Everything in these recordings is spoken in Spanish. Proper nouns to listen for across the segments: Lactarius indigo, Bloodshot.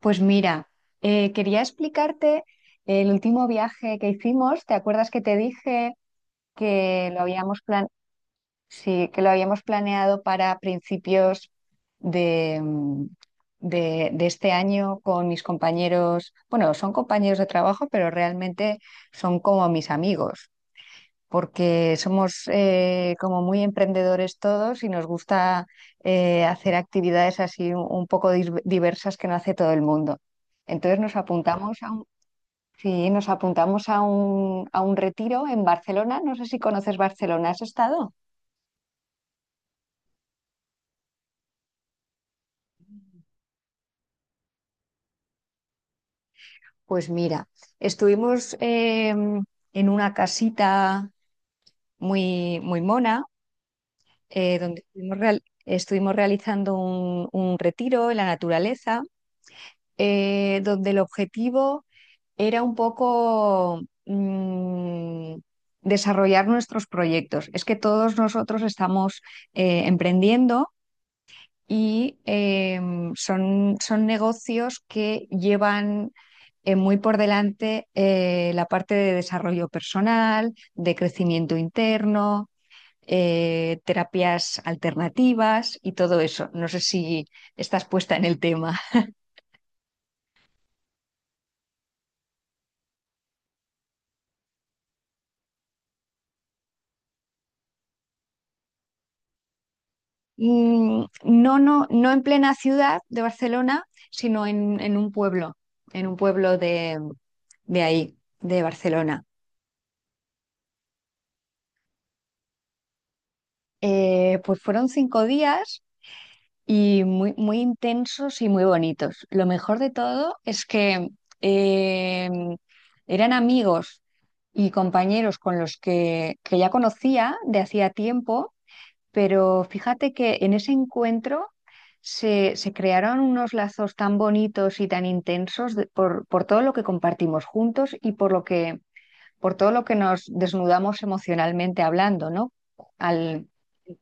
Pues mira, quería explicarte el último viaje que hicimos. ¿Te acuerdas que te dije que sí, que lo habíamos planeado para principios de, mm, de este año con mis compañeros? Bueno, son compañeros de trabajo, pero realmente son como mis amigos porque somos como muy emprendedores todos y nos gusta hacer actividades así un poco diversas que no hace todo el mundo. Entonces nos apuntamos a un, sí, nos apuntamos a a un retiro en Barcelona. No sé si conoces Barcelona, ¿has estado? Pues mira, estuvimos en una casita muy, muy mona, donde estuvimos realizando un retiro en la naturaleza, donde el objetivo era un poco desarrollar nuestros proyectos. Es que todos nosotros estamos emprendiendo y son, son negocios que llevan muy por delante la parte de desarrollo personal, de crecimiento interno. Terapias alternativas y todo eso. No sé si estás puesta en el tema. No, no, no en plena ciudad de Barcelona, sino en un pueblo de ahí, de Barcelona. Pues fueron cinco días y muy, muy intensos y muy bonitos. Lo mejor de todo es que eh, eran amigos y compañeros con los que ya conocía de hacía tiempo. Pero fíjate que en ese encuentro se, se crearon unos lazos tan bonitos y tan intensos por todo lo que compartimos juntos y por lo por todo lo que nos desnudamos emocionalmente hablando, ¿no? Al,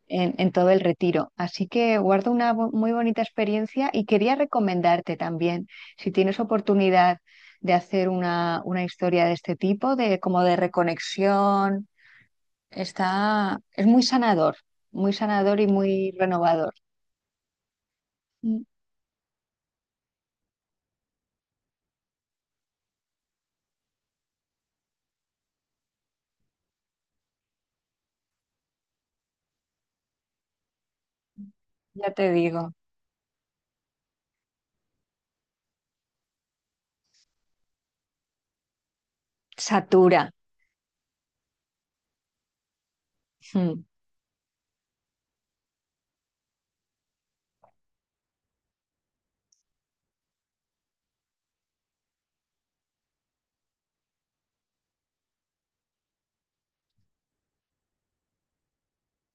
en todo el retiro. Así que guardo una muy bonita experiencia y quería recomendarte también, si tienes oportunidad de hacer una historia de este tipo, de como de reconexión. Es muy sanador y muy renovador. Mm. Ya te digo, satura. Mm.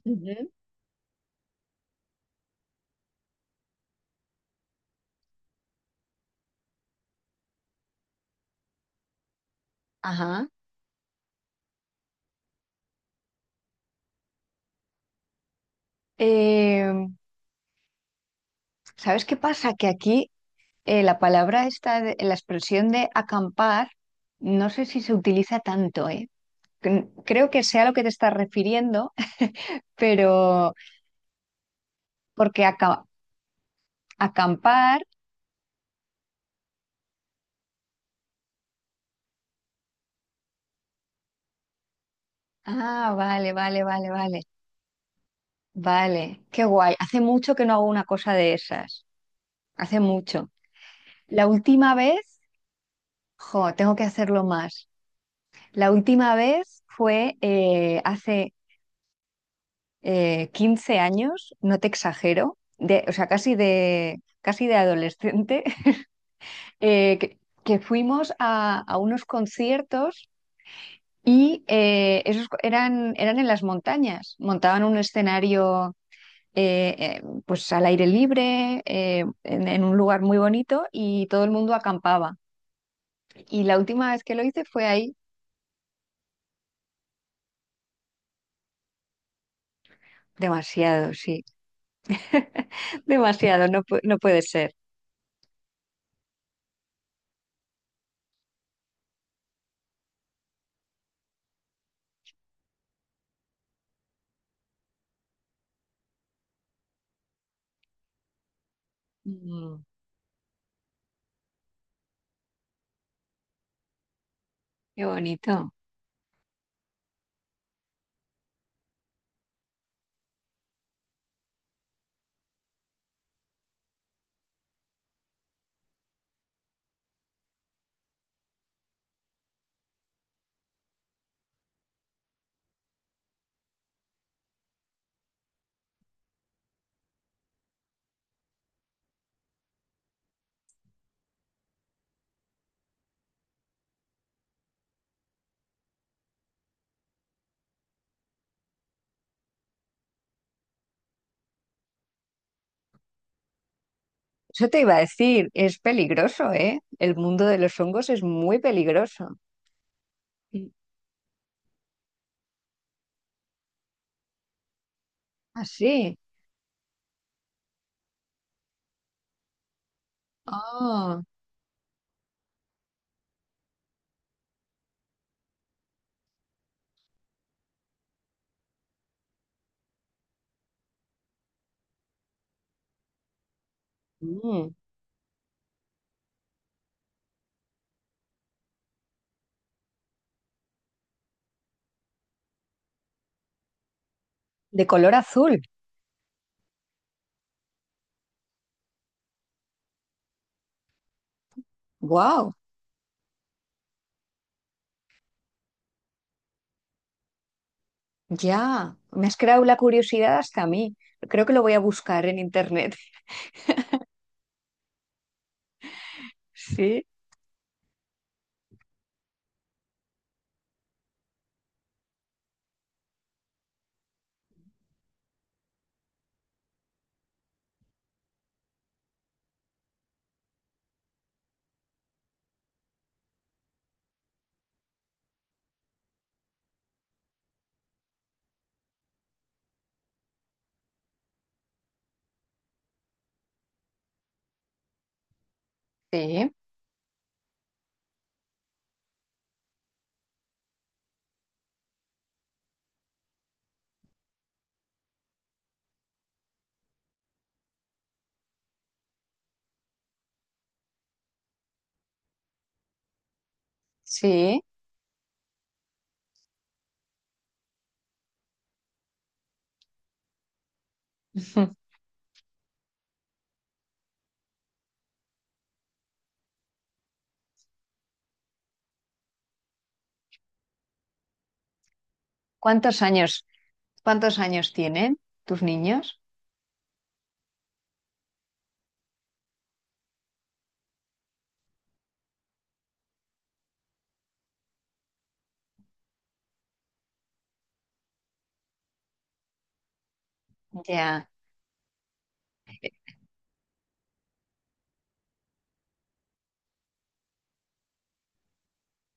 Ujú. Ajá. Eh, ¿Sabes qué pasa? Que aquí la expresión de acampar, no sé si se utiliza tanto, ¿eh? Creo que sea a lo que te estás refiriendo, pero porque acampar... Ah, vale, vale, vale, vale. Vale, qué guay. Hace mucho que no hago una cosa de esas. Hace mucho. La última vez, jo, tengo que hacerlo más. La última vez fue hace 15 años, no te exagero, de, o sea, casi de adolescente, eh, que, que fuimos a unos conciertos y esos eran, eran en las montañas. Montaban un escenario eh, pues al aire libre, en un lugar muy bonito y todo el mundo acampaba. Y la última vez que lo hice fue ahí. Demasiado, sí. Demasiado, no, no puede ser. Mm. Qué bonito. Eso te iba a decir, es peligroso, ¿eh? El mundo de los hongos es muy peligroso. Sí. Así. Ah, sí. Ah, mm. De color azul. Wow, ya. Me has creado la curiosidad hasta a mí. Creo que lo voy a buscar en internet. Sí, sí, sí. ¿Cuántos años, cuántos años tienen tus niños? Ya.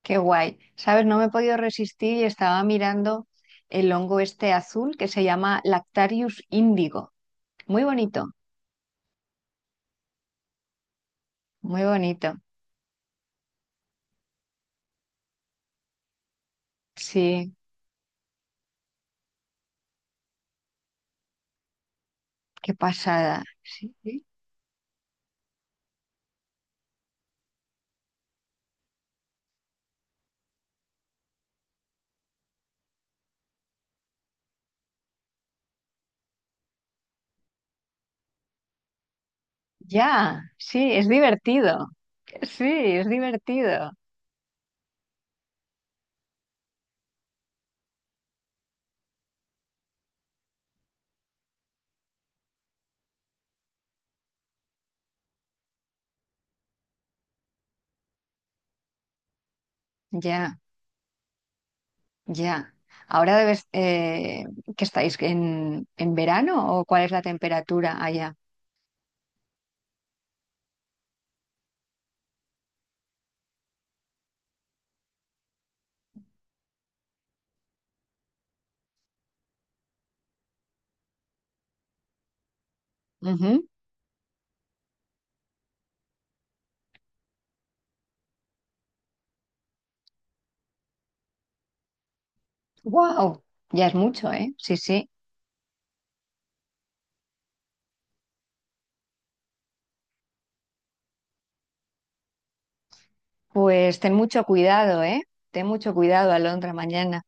Qué guay. ¿Sabes? No me he podido resistir y estaba mirando el hongo este azul que se llama Lactarius índigo. Muy bonito, muy bonito. Sí, qué pasada. Sí, sí. Ya, sí, es divertido. Sí, es divertido. Ya, ya. Ahora debes, que estáis en verano o cuál es la temperatura allá. Wow, ya es mucho, ¿eh? Sí, sí. Pues ten mucho cuidado, ¿eh? Ten mucho cuidado, Alondra, mañana.